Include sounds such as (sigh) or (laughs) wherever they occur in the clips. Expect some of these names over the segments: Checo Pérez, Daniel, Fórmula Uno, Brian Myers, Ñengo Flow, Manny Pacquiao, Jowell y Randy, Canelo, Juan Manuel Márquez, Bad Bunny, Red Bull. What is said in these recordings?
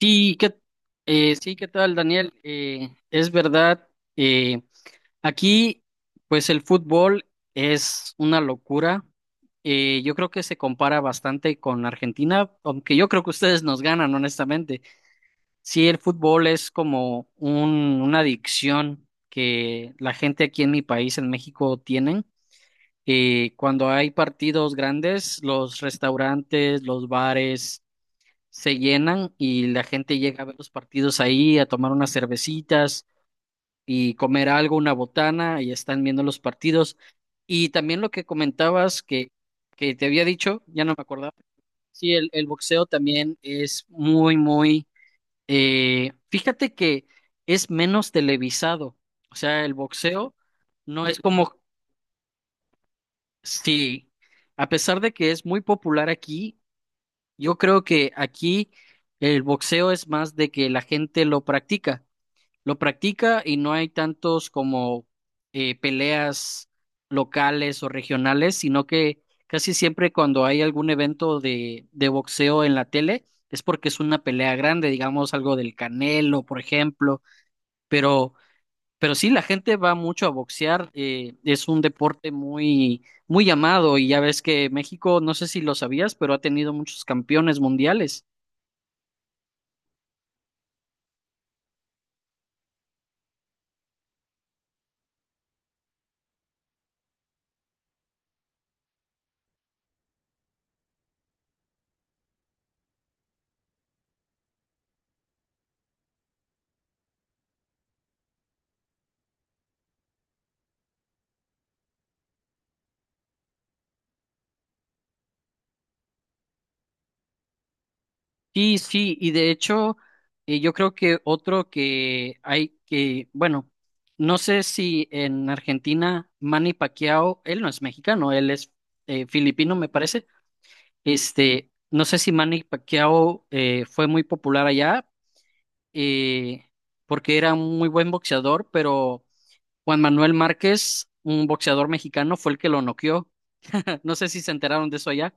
Sí. Sí, ¿qué tal, Daniel? Es verdad. eh, Aquí pues el fútbol es una locura. Yo creo que se compara bastante con Argentina, aunque yo creo que ustedes nos ganan, honestamente. Sí, el fútbol es como una adicción que la gente aquí en mi país, en México, tienen. Cuando hay partidos grandes, los restaurantes, los bares se llenan y la gente llega a ver los partidos ahí, a tomar unas cervecitas y comer algo, una botana, y están viendo los partidos. Y también lo que comentabas que te había dicho, ya no me acordaba. Sí, el boxeo también es fíjate que es menos televisado. O sea, el boxeo no es como... Sí, a pesar de que es muy popular aquí, yo creo que aquí el boxeo es más de que la gente lo practica y no hay tantos como peleas locales o regionales, sino que casi siempre cuando hay algún evento de boxeo en la tele es porque es una pelea grande, digamos algo del Canelo, por ejemplo, pero, pero sí, la gente va mucho a boxear. Es un deporte muy, muy amado, y ya ves que México, no sé si lo sabías, pero ha tenido muchos campeones mundiales. Sí, sí, y de hecho, yo creo que otro que hay no sé si en Argentina Manny Pacquiao, él no es mexicano, él es filipino, me parece. Este, no sé si Manny Pacquiao fue muy popular allá, eh, porque era un muy buen boxeador, pero Juan Manuel Márquez, un boxeador mexicano, fue el que lo noqueó. (laughs) No sé si se enteraron de eso allá.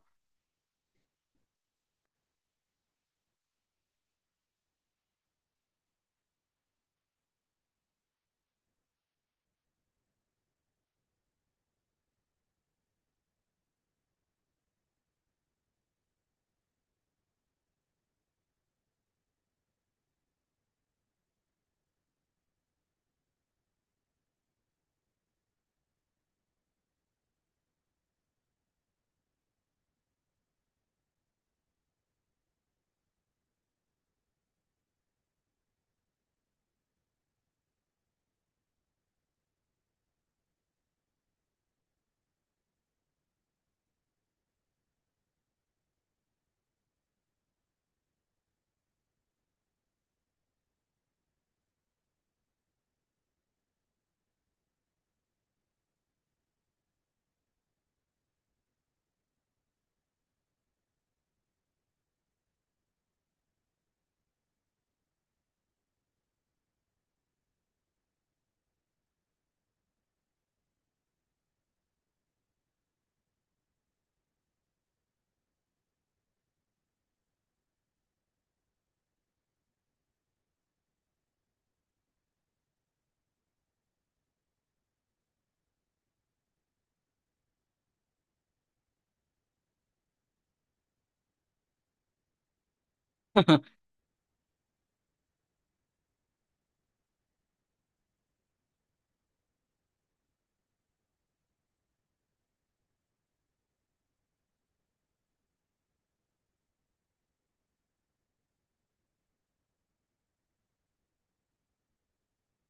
(laughs)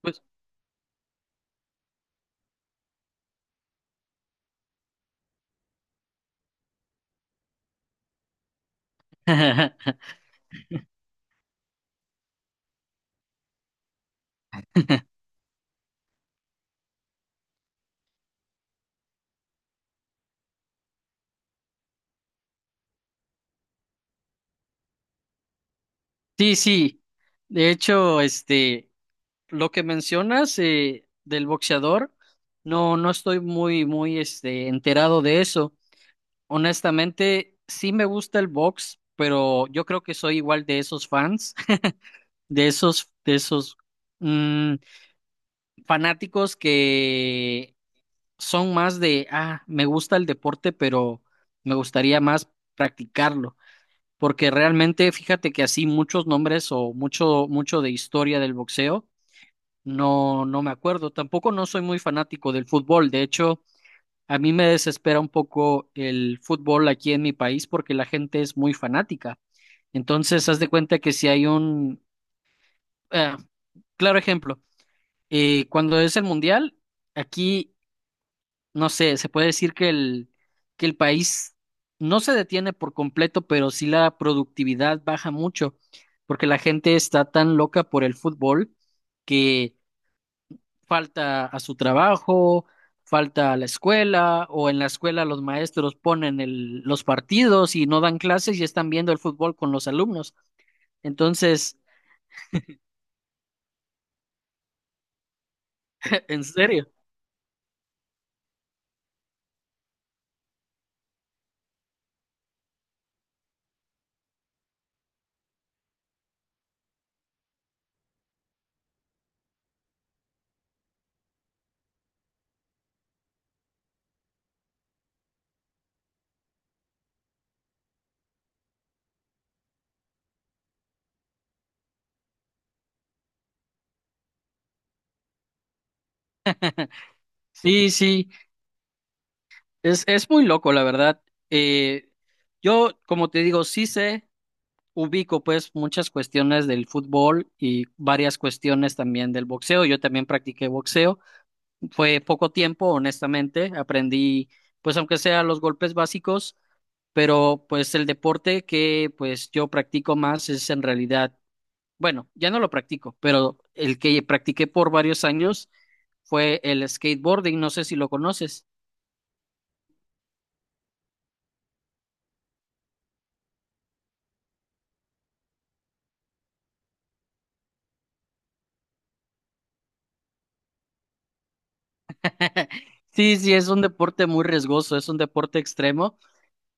Pues, (laughs) sí, sí. De hecho, este. Lo que mencionas del boxeador, no estoy muy, muy, este, enterado de eso. Honestamente, sí me gusta el box, pero yo creo que soy igual de esos fans, (laughs) de esos mm, fanáticos que son más de, ah, me gusta el deporte, pero me gustaría más practicarlo. Porque realmente, fíjate que así muchos nombres o mucho, mucho de historia del boxeo no, no me acuerdo. Tampoco no soy muy fanático del fútbol. De hecho, a mí me desespera un poco el fútbol aquí en mi país porque la gente es muy fanática. Entonces, haz de cuenta que si hay un eh, claro ejemplo, cuando es el mundial, aquí, no sé, se puede decir que que el país no se detiene por completo, pero sí la productividad baja mucho porque la gente está tan loca por el fútbol que falta a su trabajo, falta a la escuela, o en la escuela los maestros ponen los partidos y no dan clases y están viendo el fútbol con los alumnos. Entonces, (laughs) en serio, sí, sí, es, muy loco, la verdad. Eh, yo, como te digo, sí sé, ubico pues muchas cuestiones del fútbol y varias cuestiones también del boxeo. Yo también practiqué boxeo. Fue poco tiempo, honestamente. Aprendí, pues, aunque sea los golpes básicos, pero pues el deporte que pues yo practico más es en realidad, bueno, ya no lo practico, pero el que practiqué por varios años fue el skateboarding. No sé si lo conoces. (laughs) Sí, sí, es un deporte muy riesgoso, es un deporte extremo,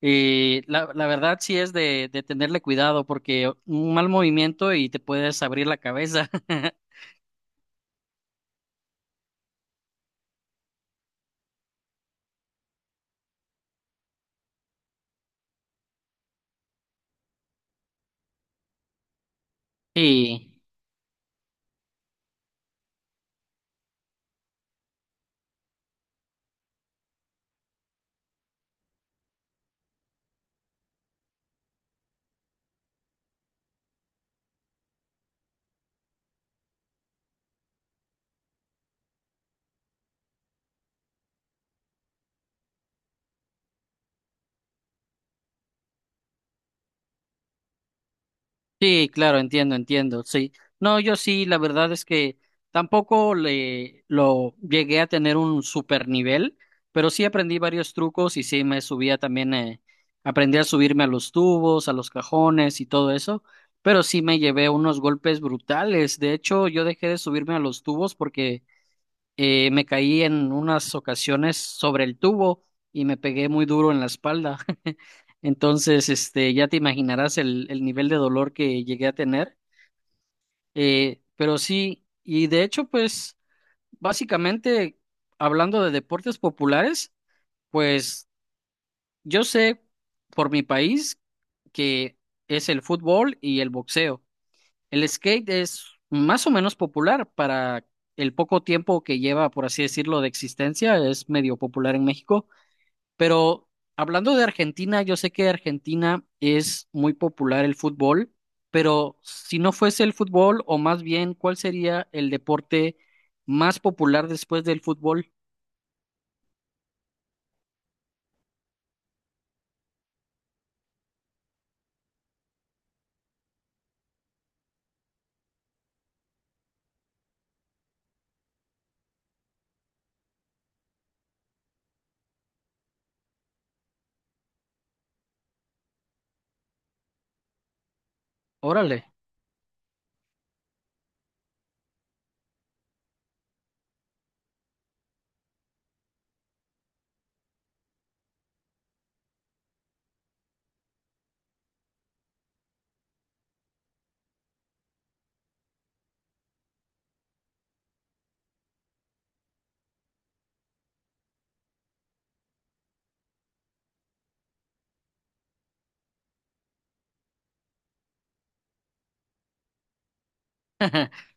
y la verdad sí es de tenerle cuidado, porque un mal movimiento y te puedes abrir la cabeza. (laughs) Y sí, claro, entiendo, entiendo, sí. No, yo sí, la verdad es que tampoco le lo llegué a tener un super nivel, pero sí aprendí varios trucos y sí me subía también. Aprendí a subirme a los tubos, a los cajones y todo eso, pero sí me llevé unos golpes brutales. De hecho, yo dejé de subirme a los tubos porque me caí en unas ocasiones sobre el tubo y me pegué muy duro en la espalda. (laughs) Entonces, este, ya te imaginarás el, nivel de dolor que llegué a tener. Pero sí, y de hecho, pues, básicamente, hablando de deportes populares, pues yo sé por mi país que es el fútbol y el boxeo. El skate es más o menos popular para el poco tiempo que lleva, por así decirlo, de existencia. Es medio popular en México. Pero hablando de Argentina, yo sé que Argentina es muy popular el fútbol, pero si no fuese el fútbol, o más bien, ¿cuál sería el deporte más popular después del fútbol? Órale. (laughs)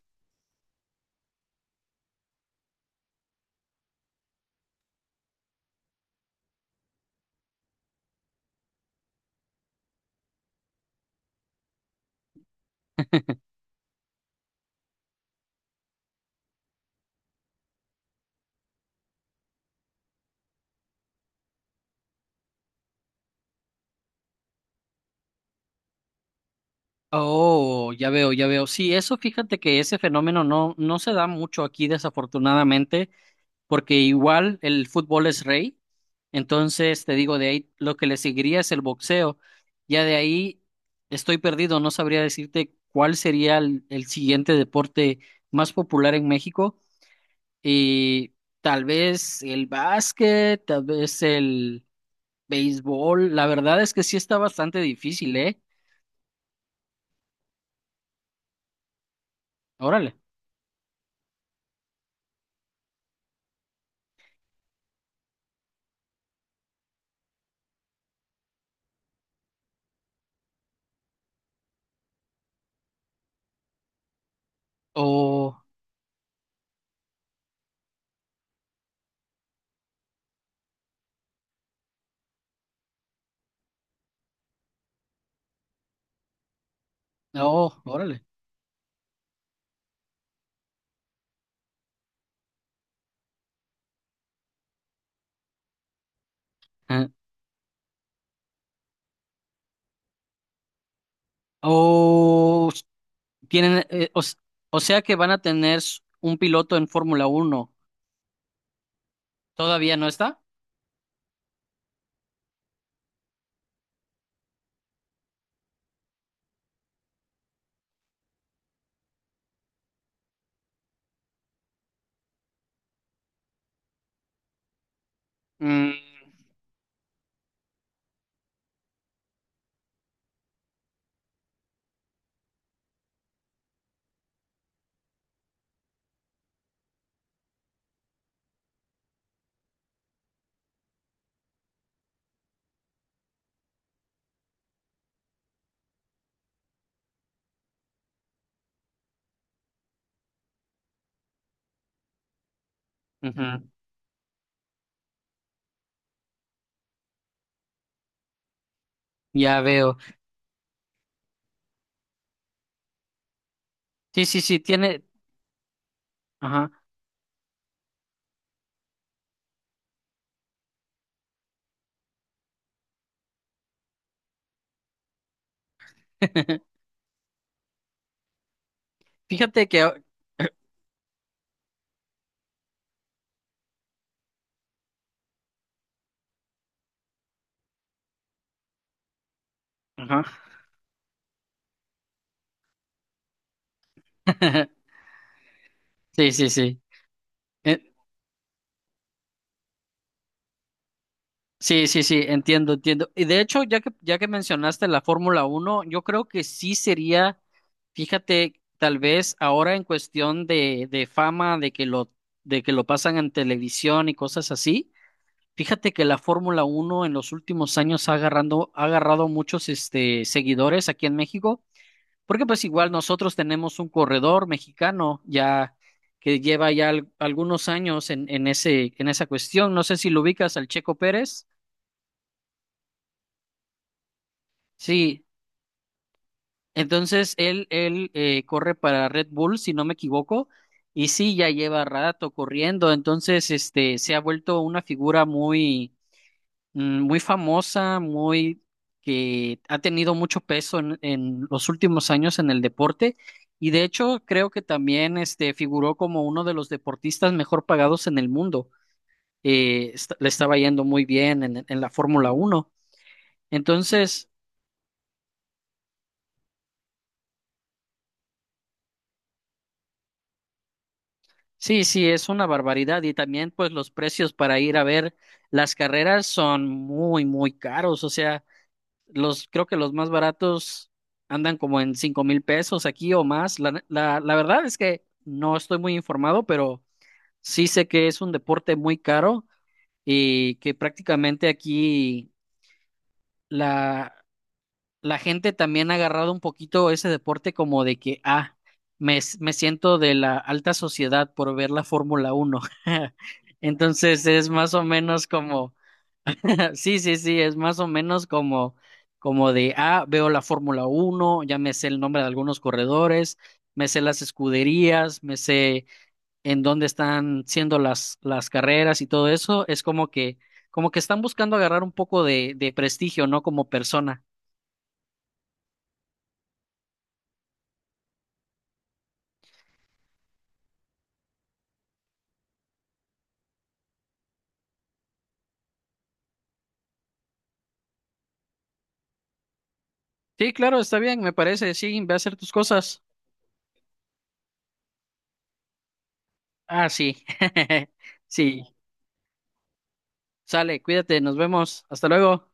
Oh, ya veo, ya veo. Sí, eso fíjate que ese fenómeno no se da mucho aquí, desafortunadamente, porque igual el fútbol es rey, entonces te digo, de ahí lo que le seguiría es el boxeo, ya de ahí estoy perdido, no sabría decirte cuál sería el, siguiente deporte más popular en México, y tal vez el básquet, tal vez el béisbol, la verdad es que sí está bastante difícil, ¿eh? Órale. o, no, órale. Ah. O Tienen, o, s- O sea que van a tener un piloto en Fórmula 1. ¿Todavía no está? Mm, ujú, ya veo. Sí, sí, sí, tiene. Ajá. (laughs) Fíjate que, ajá. (laughs) Sí, sí, sí. Eh, sí, sí, sí, entiendo, entiendo. Y de hecho, ya que, mencionaste la Fórmula 1, yo creo que sí sería, fíjate, tal vez ahora en cuestión de, fama, de que lo pasan en televisión y cosas así. Fíjate que la Fórmula 1 en los últimos años ha agarrado muchos, este, seguidores aquí en México, porque pues igual nosotros tenemos un corredor mexicano ya que lleva ya algunos años en ese, en esa cuestión. No sé si lo ubicas al Checo Pérez. Sí, entonces él corre para Red Bull, si no me equivoco, y sí, ya lleva rato corriendo, entonces, este, se ha vuelto una figura muy, muy famosa, muy que ha tenido mucho peso en, los últimos años en el deporte, y de hecho creo que también este figuró como uno de los deportistas mejor pagados en el mundo. Le estaba yendo muy bien en la Fórmula 1. Entonces, sí, sí, es una barbaridad, y también pues los precios para ir a ver las carreras son muy, muy caros. O sea, creo que los más baratos andan como en 5,000 pesos aquí o más. La verdad es que no estoy muy informado, pero sí sé que es un deporte muy caro, y que prácticamente aquí la, la, gente también ha agarrado un poquito ese deporte como de que, ah, me siento de la alta sociedad por ver la Fórmula 1. (laughs) Entonces es más o menos como... (laughs) Sí, sí, sí, es más o menos como, de, ah, veo la Fórmula 1, ya me sé el nombre de algunos corredores, me sé las escuderías, me sé en dónde están siendo las carreras y todo eso, es como que, están buscando agarrar un poco de prestigio, ¿no? Como persona. Sí, claro, está bien, me parece, sí, ve a hacer tus cosas. Ah, sí, (laughs) sí, sale, cuídate, nos vemos, hasta luego.